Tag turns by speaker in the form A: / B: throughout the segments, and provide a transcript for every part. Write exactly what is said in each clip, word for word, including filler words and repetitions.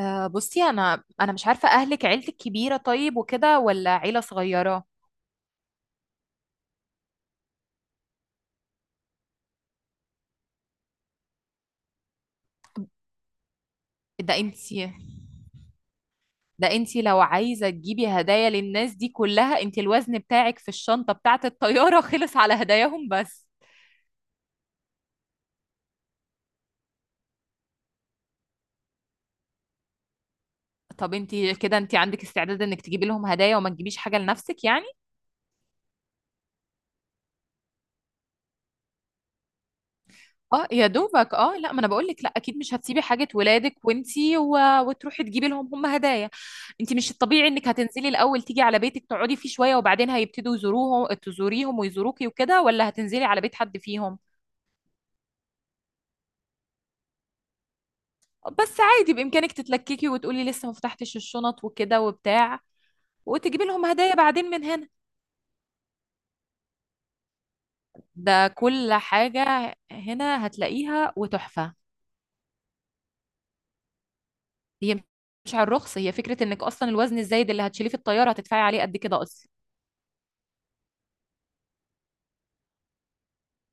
A: آه، بصي، انا انا مش عارفه، اهلك عيلتك كبيره طيب وكده ولا عيله صغيره؟ ده انتي ده انتي لو عايزه تجيبي هدايا للناس دي كلها، انتي الوزن بتاعك في الشنطه بتاعه الطياره خلص على هداياهم بس. طب انتي كده، انتي عندك استعداد انك تجيبي لهم هدايا وما تجيبيش حاجه لنفسك يعني؟ اه يا دوبك، اه لا، ما انا بقول لك، لا اكيد مش هتسيبي حاجه ولادك وانتي و... وتروحي تجيبي لهم هم هدايا. انتي مش الطبيعي انك هتنزلي الاول تيجي على بيتك تقعدي فيه شويه وبعدين هيبتدوا يزوروهم تزوريهم ويزوروكي وكده، ولا هتنزلي على بيت حد فيهم؟ بس عادي بامكانك تتلككي وتقولي لسه ما فتحتش الشنط وكده وبتاع، وتجيبي لهم هدايا بعدين من هنا. ده كل حاجه هنا هتلاقيها وتحفه. هي مش على الرخص، هي فكره انك اصلا الوزن الزايد اللي هتشيليه في الطياره هتدفعي عليه قد كده اصلا.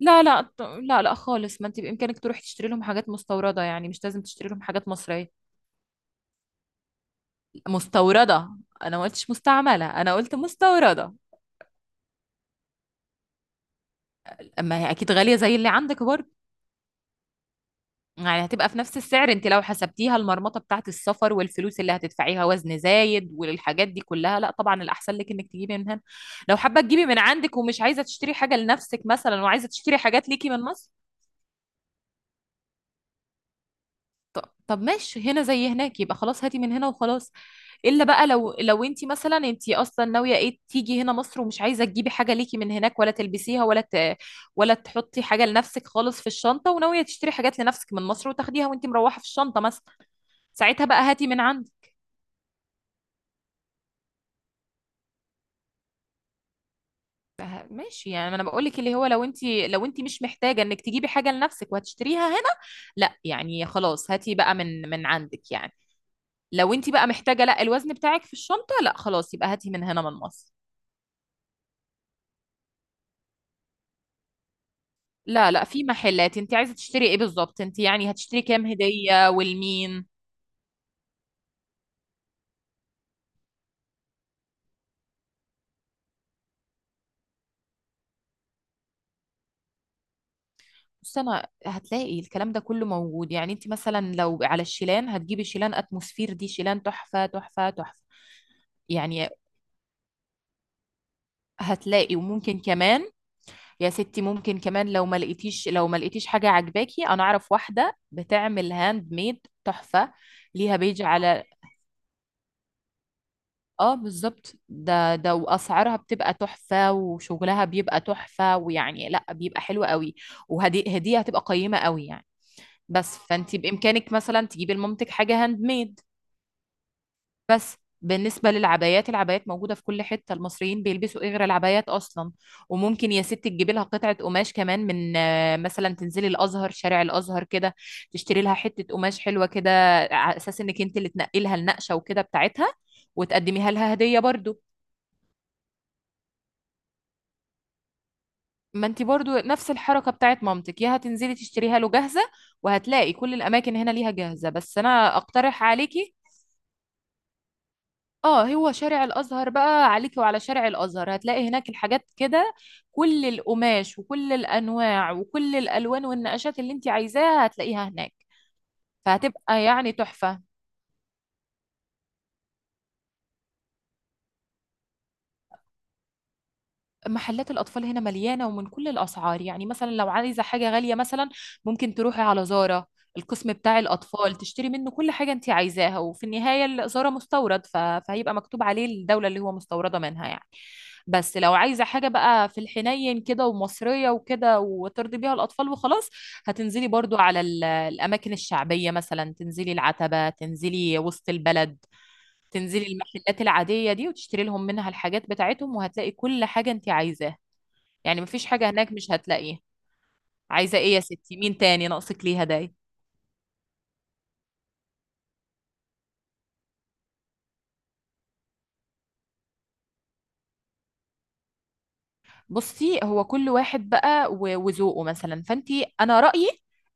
A: لا لا، ط- لا لا خالص، ما انت بامكانك تروحي تشتري لهم حاجات مستورده، يعني مش لازم تشتري لهم حاجات مصريه. مستورده. انا ما قلتش مستعمله، انا قلت مستورده. اما هي اكيد غاليه زي اللي عندك برضه، يعني هتبقى في نفس السعر. انت لو حسبتيها المرمطه بتاعت السفر والفلوس اللي هتدفعيها وزن زايد والحاجات دي كلها، لا طبعا الاحسن لك انك تجيبي من هنا. لو حابه تجيبي من عندك ومش عايزه تشتري حاجه لنفسك مثلا، وعايزه تشتري حاجات ليكي من مصر. ط- طب ماشي، هنا زي هناك، يبقى خلاص هاتي من هنا وخلاص. الا بقى لو، لو انت مثلا انت اصلا ناويه ايه، تيجي هنا مصر ومش عايزه تجيبي حاجه ليكي من هناك ولا تلبسيها ولا ت... ولا تحطي حاجه لنفسك خالص في الشنطه، وناويه تشتري حاجات لنفسك من مصر وتاخديها وانت مروحه في الشنطه مثلا، ساعتها بقى هاتي من عندي. ماشي، يعني ما انا بقول لك اللي هو، لو انت، لو انت مش محتاجه انك تجيبي حاجه لنفسك وهتشتريها هنا. لا يعني خلاص هاتي بقى من من عندك يعني. لو انت بقى محتاجه، لا الوزن بتاعك في الشنطه، لا خلاص يبقى هاتي من هنا من مصر. لا لا، في محلات. انت عايزه تشتري ايه بالظبط؟ انت يعني هتشتري كام هديه والمين؟ بس انا هتلاقي الكلام ده كله موجود، يعني انت مثلا لو على الشيلان، هتجيبي شيلان اتموسفير، دي شيلان تحفه تحفه تحفه، يعني هتلاقي. وممكن كمان يا ستي، ممكن كمان لو ما لقيتيش، لو ما لقيتيش حاجه عجباكي، انا اعرف واحده بتعمل هاند ميد تحفه، ليها بيج على. اه بالظبط، ده ده واسعارها بتبقى تحفه وشغلها بيبقى تحفه، ويعني لا بيبقى حلو قوي، وهدي هديه هتبقى قيمه قوي يعني. بس فانت بامكانك مثلا تجيبي لمامتك حاجه هاند ميد. بس بالنسبه للعبايات، العبايات موجوده في كل حته. المصريين بيلبسوا ايه غير العبايات اصلا؟ وممكن يا ست تجيبي لها قطعه قماش كمان من، آه، مثلا تنزلي الازهر، شارع الازهر كده، تشتري لها حته قماش حلوه كده، على اساس انك انت اللي تنقلها النقشه وكده بتاعتها، وتقدميها لها هديه برضو. ما انت برضو نفس الحركة بتاعت مامتك، يا هتنزلي تشتريها له جاهزة، وهتلاقي كل الأماكن هنا ليها جاهزة، بس أنا أقترح عليكي. اه، هو شارع الأزهر بقى عليكي، وعلى شارع الأزهر هتلاقي هناك الحاجات كده، كل القماش وكل الأنواع وكل الألوان والنقشات اللي انت عايزاها هتلاقيها هناك، فهتبقى يعني تحفة. محلات الأطفال هنا مليانة ومن كل الأسعار، يعني مثلا لو عايزة حاجة غالية مثلا، ممكن تروحي على زارا، القسم بتاع الأطفال، تشتري منه كل حاجة أنت عايزاها، وفي النهاية ال- زارا مستورد، ف... فهيبقى مكتوب عليه الدولة اللي هو مستوردة منها يعني. بس لو عايزة حاجة بقى في الحنين كده ومصرية وكده وترضي بيها الأطفال وخلاص، هتنزلي برضو على ال- الأماكن الشعبية، مثلا تنزلي العتبة، تنزلي وسط البلد، تنزلي المحلات العادية دي وتشتري لهم منها الحاجات بتاعتهم، وهتلاقي كل حاجة انت عايزاها، يعني مفيش حاجة هناك مش هتلاقيها. عايزة ايه يا ستي؟ مين تاني ناقصك ليه هدايا؟ بصي، هو كل واحد بقى و- وذوقه مثلا، فانتي انا رأيي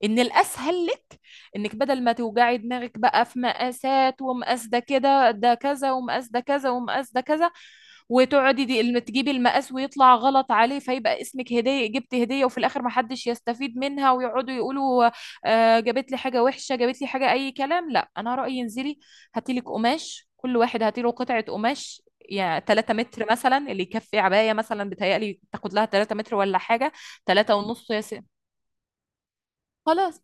A: ان الاسهل لك انك بدل ما توجعي دماغك بقى في مقاسات، ومقاس ده كده ده كذا، ومقاس ده كذا، ومقاس ده كذا، وتقعدي دي الم- تجيبي المقاس ويطلع غلط عليه، فيبقى اسمك هدية، جبت هدية وفي الاخر محدش يستفيد منها، ويقعدوا يقولوا آه جابت لي حاجة وحشة، جابت لي حاجة اي كلام. لا انا رأيي انزلي هاتيلك قماش، كل واحد هاتيله قطعة قماش، يعني 3 متر مثلا اللي يكفي عباية مثلا، بتهيألي تاخد لها 3 متر ولا حاجة، 3 ونص يا س... خلاص.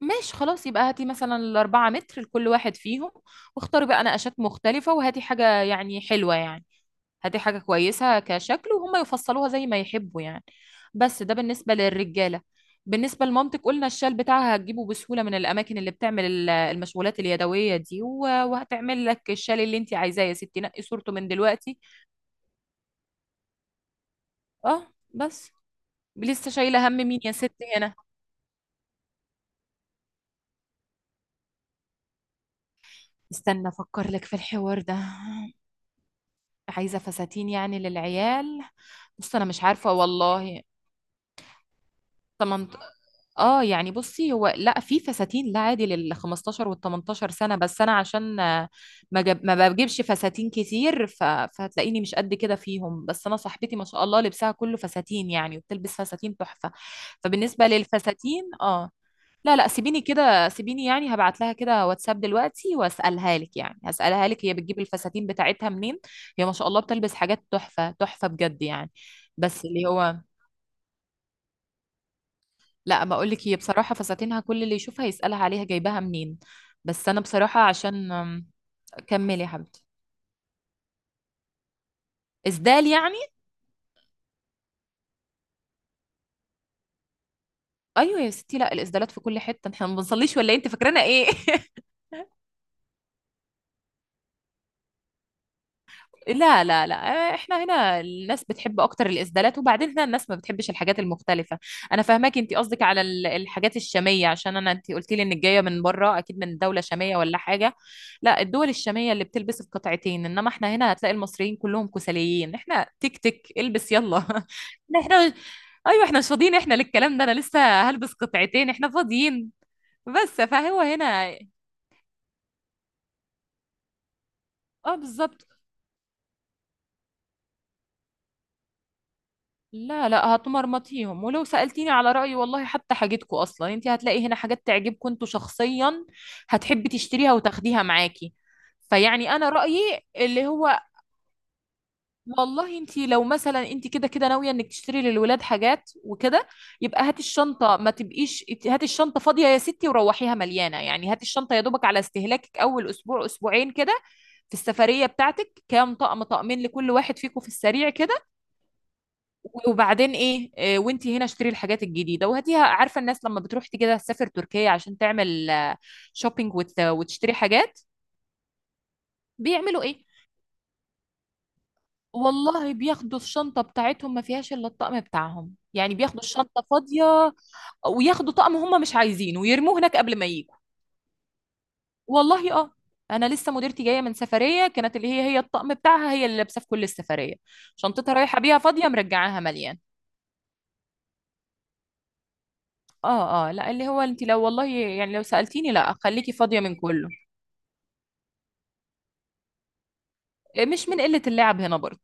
A: ماشي خلاص، يبقى هاتي مثلا الأربعة متر لكل واحد فيهم، واختاري بقى نقشات مختلفة، وهاتي حاجة يعني حلوة يعني، هاتي حاجة كويسة كشكل، وهم يفصلوها زي ما يحبوا يعني. بس ده بالنسبة للرجالة. بالنسبة لمامتك قلنا، الشال بتاعها هتجيبه بسهولة من الأماكن اللي بتعمل ال- المشغولات اليدوية دي، و- وهتعمل لك الشال اللي انت عايزاه. يا ستي نقي صورته من دلوقتي. اه. بس لسه شايلة هم مين يا ست هنا؟ استنى افكر لك في الحوار ده. عايزة فساتين يعني للعيال؟ بص انا مش عارفة والله. تمنت... اه يعني بصي، هو لا في فساتين لا عادي لل خمستاشر وال تمنتاشر سنة، بس انا عشان آه، ما جب... ما بجيبش فساتين كتير ف... فهتلاقيني مش قد كده فيهم. بس انا صاحبتي ما شاء الله لبسها كله فساتين يعني، وبتلبس فساتين تحفة، فبالنسبة للفساتين، اه لا لا سيبيني كده، سيبيني يعني، هبعت لها كده واتساب دلوقتي واسالها لك، يعني هسالها لك هي بتجيب الفساتين بتاعتها منين. هي ما شاء الله بتلبس حاجات تحفه تحفه بجد يعني. بس اللي هو، لا ما اقول لك، هي بصراحه فساتينها كل اللي يشوفها يسالها عليها جايباها منين. بس انا بصراحه عشان أم، كمل يا حبيبتي. اسدال يعني؟ ايوه يا ستي، لا الاسدالات في كل حته احنا ما بنصليش ولا إيه؟ انت فاكرانا ايه لا لا لا آه، احنا هنا الناس بتحب اكتر الاسدالات، وبعدين هنا الناس ما بتحبش الحاجات المختلفه. انا فاهماكي، انت قصدك على ال- الحاجات الشاميه، عشان انا انت قلت لي انك جايه من بره، اكيد من دوله شاميه ولا حاجه. لا الدول الشاميه اللي بتلبس القطعتين، انما احنا هنا هتلاقي المصريين كلهم كسليين، احنا تك تك البس يلا احنا احنا ايوه، احنا مش فاضيين، احنا للكلام ده؟ انا لسه هلبس قطعتين احنا فاضيين، بس فهو هنا. اه بالظبط، لا لا هتمرمطيهم، ولو سألتيني على رأيي والله، حتى حاجتكم أصلا انت هتلاقي هنا حاجات تعجبكم انتوا شخصيا، هتحبي تشتريها وتاخديها معاكي. فيعني أنا رأيي اللي هو، والله انت لو مثلا، انت كده كده ناوية انك تشتري للولاد حاجات وكده، يبقى هاتي الشنطة، ما تبقيش هاتي الشنطة فاضية يا ستي وروحيها مليانة، يعني هاتي الشنطة يا دوبك على استهلاكك أول أسبوع أسبوعين كده في السفرية بتاعتك، كام طقم طقمين لكل واحد فيكم في السريع كده، وبعدين ايه آه، وانتي هنا اشتري الحاجات الجديده وهاتيها. عارفه الناس لما بتروح تيجي كده تسافر تركيا عشان تعمل شوبينج وتشتري حاجات، بيعملوا ايه؟ والله بياخدوا الشنطه بتاعتهم ما فيهاش الا الطقم بتاعهم، يعني بياخدوا الشنطه فاضيه، وياخدوا طقم هم مش عايزينه ويرموه هناك قبل ما يجوا. والله اه. انا لسه مديرتي جايه من سفريه كانت، اللي هي هي الطقم بتاعها هي اللي لابسه في كل السفريه، شنطتها رايحه بيها فاضيه مرجعاها مليان. اه اه لا، اللي هو انت لو، والله يعني لو سألتيني، لا خليكي فاضية من كله، يعني مش من قلة اللعب هنا برضه،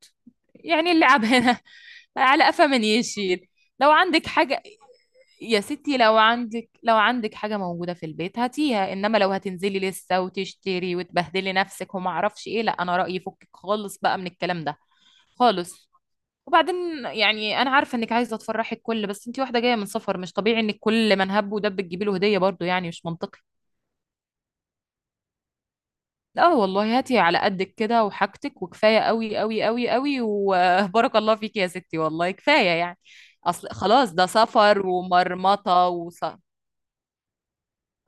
A: يعني اللعب هنا. على قفا من يشيل. لو عندك حاجة يا ستي، لو عندك لو عندك حاجة موجودة في البيت هاتيها، انما لو هتنزلي لسه وتشتري وتبهدلي نفسك وما اعرفش ايه، لا انا رأيي فكك خالص بقى من الكلام ده خالص. وبعدين يعني انا عارفة انك عايزة تفرحي الكل، بس انتي واحدة جاية من سفر، مش طبيعي ان الكل من هب ودب تجيبي له هدية برضه، يعني مش منطقي. اه والله، هاتي على قدك كده وحاجتك، وكفايه قوي قوي قوي قوي، وبارك الله فيك يا ستي، والله كفايه يعني. اصل خلاص، ده سفر ومرمطه وص...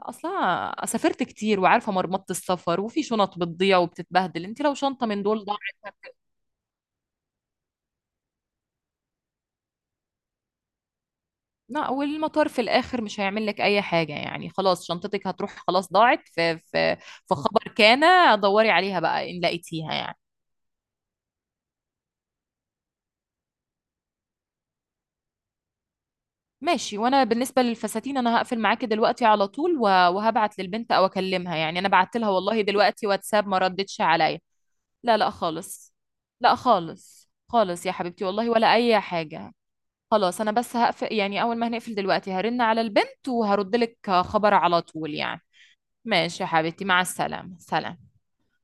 A: اصلا سافرت كتير وعارفه مرمطه السفر، وفي شنط بتضيع وبتتبهدل، انت لو شنطه من دول ضاعت، لا والمطار في الاخر مش هيعمل لك اي حاجه، يعني خلاص شنطتك هتروح، خلاص ضاعت في في في خبر كان. دوري عليها بقى ان لقيتيها يعني. ماشي. وانا بالنسبه للفساتين انا هقفل معاكي دلوقتي على طول و- وهبعت للبنت او اكلمها، يعني انا بعت لها والله دلوقتي واتساب ما ردتش عليا. لا لا خالص، لا خالص خالص يا حبيبتي والله ولا اي حاجه. خلاص انا بس هقفل، يعني اول ما هنقفل دلوقتي هرن على البنت وهرد لك خبر على طول يعني. ماشي يا حبيبتي، مع السلامه، سلام.